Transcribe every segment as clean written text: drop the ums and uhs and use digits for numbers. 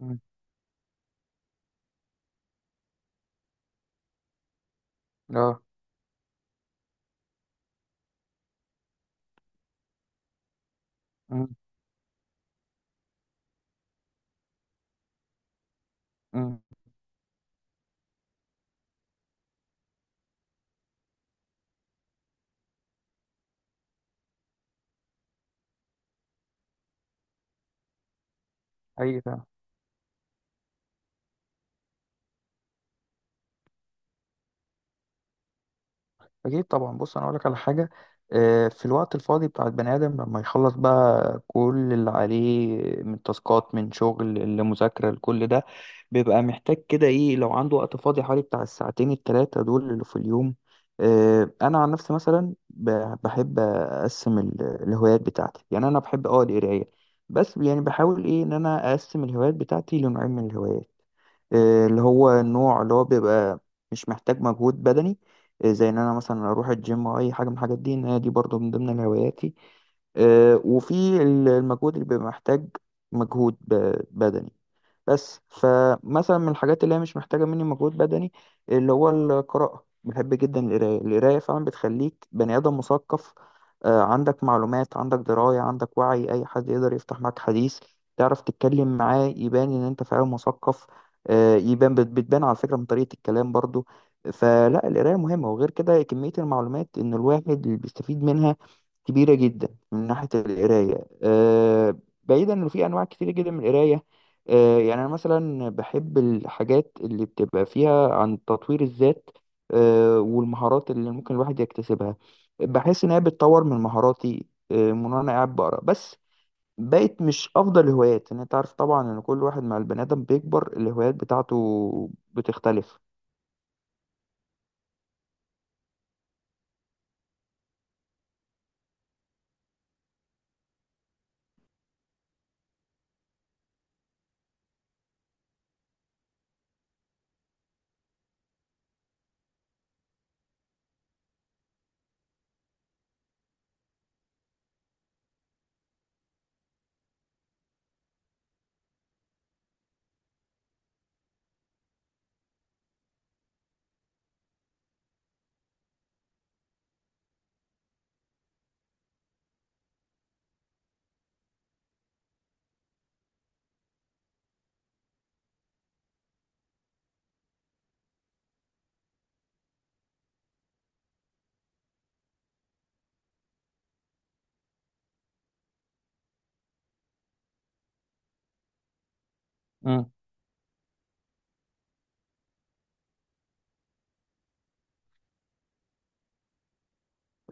مم. اه مم. مم. حقيقي فعلا. أكيد طبعا، بص، أنا أقولك على حاجة. في الوقت الفاضي بتاع البني آدم لما يخلص بقى كل اللي عليه، من تاسكات، من شغل، لمذاكرة، لكل ده، بيبقى محتاج كده إيه لو عنده وقت فاضي حوالي بتاع الساعتين التلاتة دول اللي في اليوم. أنا عن نفسي مثلا بحب أقسم الهوايات بتاعتي. يعني أنا بحب القراية. بس يعني بحاول إيه إن أنا أقسم الهوايات بتاعتي لنوعين من الهوايات. اللي هو النوع اللي هو بيبقى مش محتاج مجهود بدني. زي ان انا مثلا اروح الجيم او اي حاجه من الحاجات دي، ان هي دي برضو من ضمن هواياتي. وفي المجهود اللي بيبقى محتاج مجهود بدني. بس فمثلا من الحاجات اللي هي مش محتاجة مني مجهود بدني اللي هو القراءة، بحب جدا القراية. القراية فعلا بتخليك بني آدم مثقف. عندك معلومات، عندك دراية، عندك وعي، أي حد يقدر يفتح معاك حديث، تعرف تتكلم معاه يبان إن أنت فعلا مثقف. بتبان على فكرة من طريقة الكلام برضو. فلا القراية مهمة، وغير كده كمية المعلومات إن الواحد اللي بيستفيد منها كبيرة جدا من ناحية القراية. بعيدا إنه في أنواع كتير جدا من القراية. يعني أنا مثلا بحب الحاجات اللي بتبقى فيها عن تطوير الذات. والمهارات اللي ممكن الواحد يكتسبها، بحس إن هي بتطور من مهاراتي. من وأنا قاعد بقرا بس. بقت مش أفضل الهوايات. إن أنت عارف طبعا إن كل واحد مع البني آدم بيكبر الهوايات بتاعته بتختلف.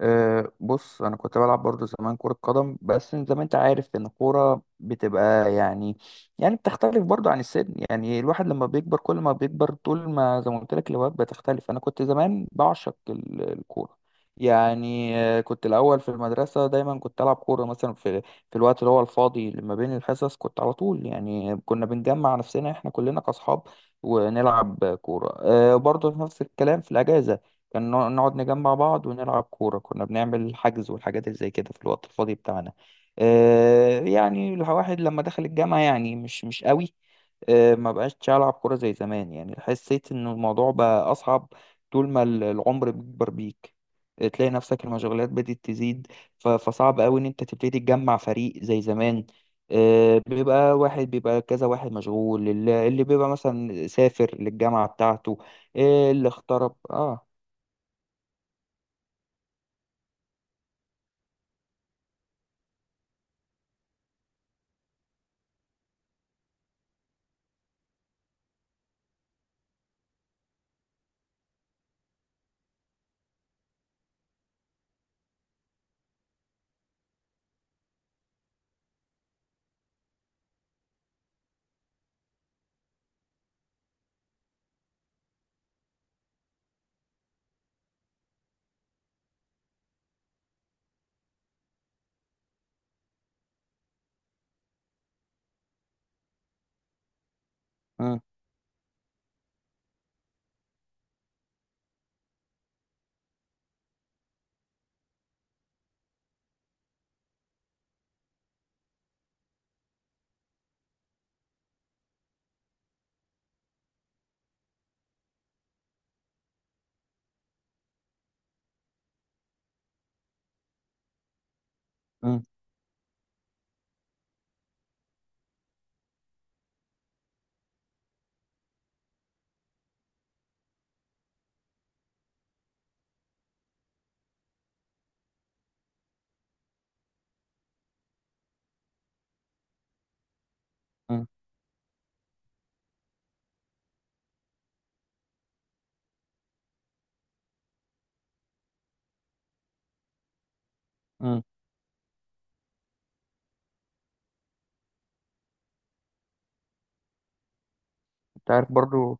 أه بص انا كنت بلعب برضو زمان كرة قدم. بس زي ما انت عارف ان الكورة بتبقى يعني، بتختلف برضو عن السن. يعني الواحد لما بيكبر كل ما بيكبر، طول ما زي ما قلت لك الهوايات بتختلف. انا كنت زمان بعشق الكورة. يعني كنت الاول في المدرسة، دايما كنت العب كورة مثلا في الوقت اللي هو الفاضي لما بين الحصص. كنت على طول يعني كنا بنجمع نفسنا احنا كلنا كاصحاب ونلعب كورة. أه برضو نفس الكلام في الاجازة. كان نقعد نجمع بعض ونلعب كورة. كنا بنعمل حجز والحاجات اللي زي كده في الوقت الفاضي بتاعنا. يعني الواحد لما دخل الجامعة يعني مش قوي. ما بقاش ألعب كورة زي زمان. يعني حسيت إن الموضوع بقى أصعب. طول ما العمر بيكبر بيك. تلاقي نفسك المشغولات بدأت تزيد. فصعب قوي إن أنت تبتدي تجمع فريق زي زمان. بيبقى واحد، بيبقى كذا واحد مشغول، اللي بيبقى مثلا سافر للجامعة بتاعته. اللي اغترب، اه. مم. مم. مم. مم. انت عارف برضو.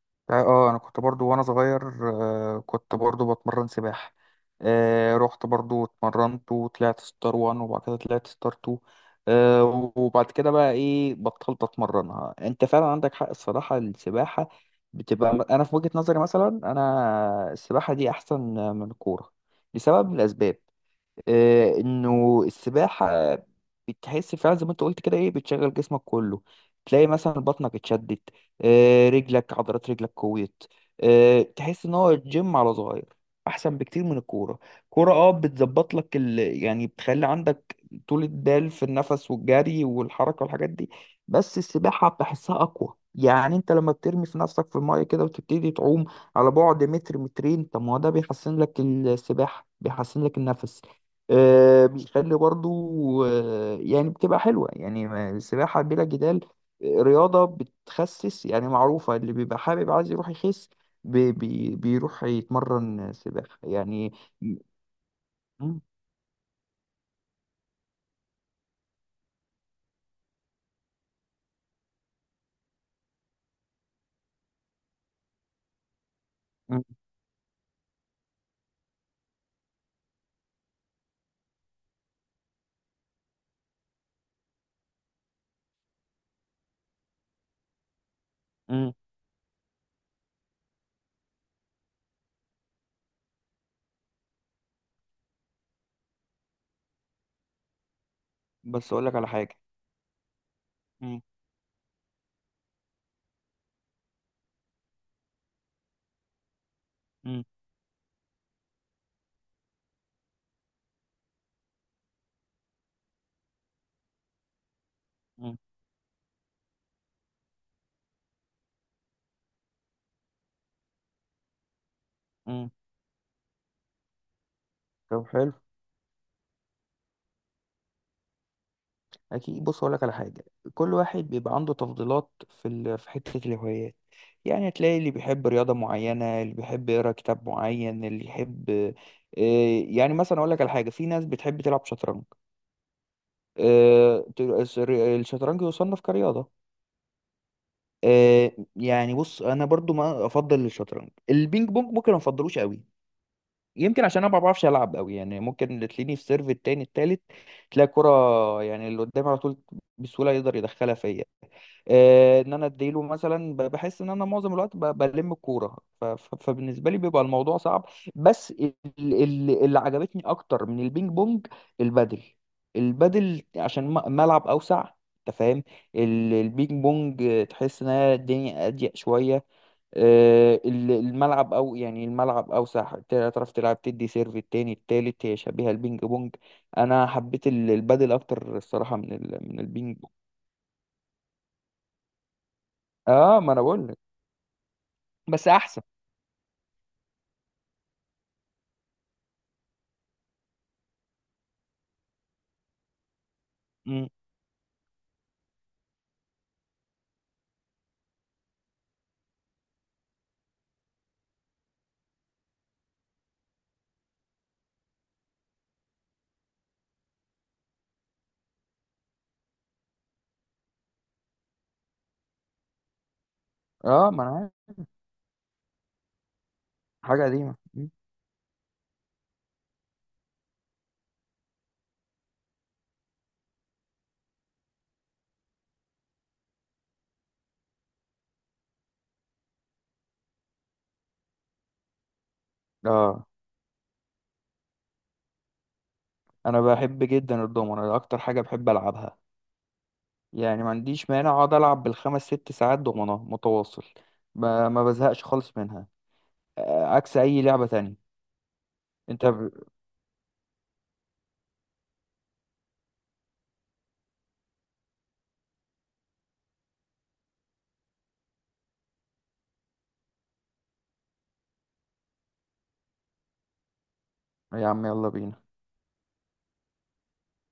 اه انا كنت برضو وانا صغير. آه كنت برضو بتمرن سباحة. آه رحت برضو اتمرنت وطلعت ستار وان، وبعد كده طلعت ستار تو. آه وبعد كده بقى ايه بطلت اتمرنها. انت فعلا عندك حق. الصراحة السباحة انا في وجهة نظري مثلا، انا السباحة دي احسن من الكورة لسبب من الاسباب. انه السباحه بتحس فعلا زي ما انت قلت كده ايه بتشغل جسمك كله. تلاقي مثلا بطنك اتشدت. رجلك، عضلات رجلك قويت. تحس ان هو الجيم على صغير احسن بكتير من الكوره. كوره اه بتظبط لك يعني بتخلي عندك طول البال في النفس والجري والحركه والحاجات دي. بس السباحه بحسها اقوى. يعني انت لما بترمي في نفسك في المايه كده وتبتدي تعوم على بعد متر مترين، طب ما هو ده بيحسن لك السباحه، بيحسن لك النفس. بيخلي برضو يعني بتبقى حلوة. يعني السباحة بلا جدال رياضة بتخسس. يعني معروفة اللي بيبقى حابب عايز يروح يخس بي بي بيروح يتمرن سباحة يعني. م- م- م- م. بس أقول لك على حاجة. م- م- م- م. طب حلو. اكيد بص اقول لك على حاجه. كل واحد بيبقى عنده تفضيلات في في حته الهوايات. يعني هتلاقي اللي بيحب رياضه معينه، اللي بيحب يقرا كتاب معين، اللي يحب يعني مثلا اقول لك على حاجه، في ناس بتحب تلعب شطرنج. الشطرنج يصنف كرياضه. يعني بص انا برضو ما افضل الشطرنج. البينج بونج ممكن ما افضلوش قوي. يمكن عشان انا ما بعرفش العب قوي. يعني ممكن تلاقيني في سيرف التاني التالت، تلاقي كرة يعني اللي قدامي على طول بسهولة يقدر يدخلها فيا. ان انا اديله مثلا بحس ان انا معظم الوقت بلم الكوره. فبالنسبه لي بيبقى الموضوع صعب. بس اللي عجبتني اكتر من البينج بونج البادل. البادل عشان ملعب اوسع، انت فاهم. البينج بونج تحس ان هي الدنيا اضيق شويه. الملعب او يعني الملعب اوسع تعرف تلعب تدي سيرف التاني التالت، هي شبيهه البينج بونج. انا حبيت البادل اكتر الصراحه من من البينج بونج. اه ما انا بقول لك. بس احسن. مم. اه ما انا عارف. حاجه قديمه. مم. اه انا بحب جدا الدومنه. ده اكتر حاجه بحب العبها. يعني ما عنديش مانع اقعد العب بالخمس ست ساعات دومنه متواصل. ما بزهقش خالص منها. عكس اي لعبه تانية. انت ب... يا عم يلا بينا.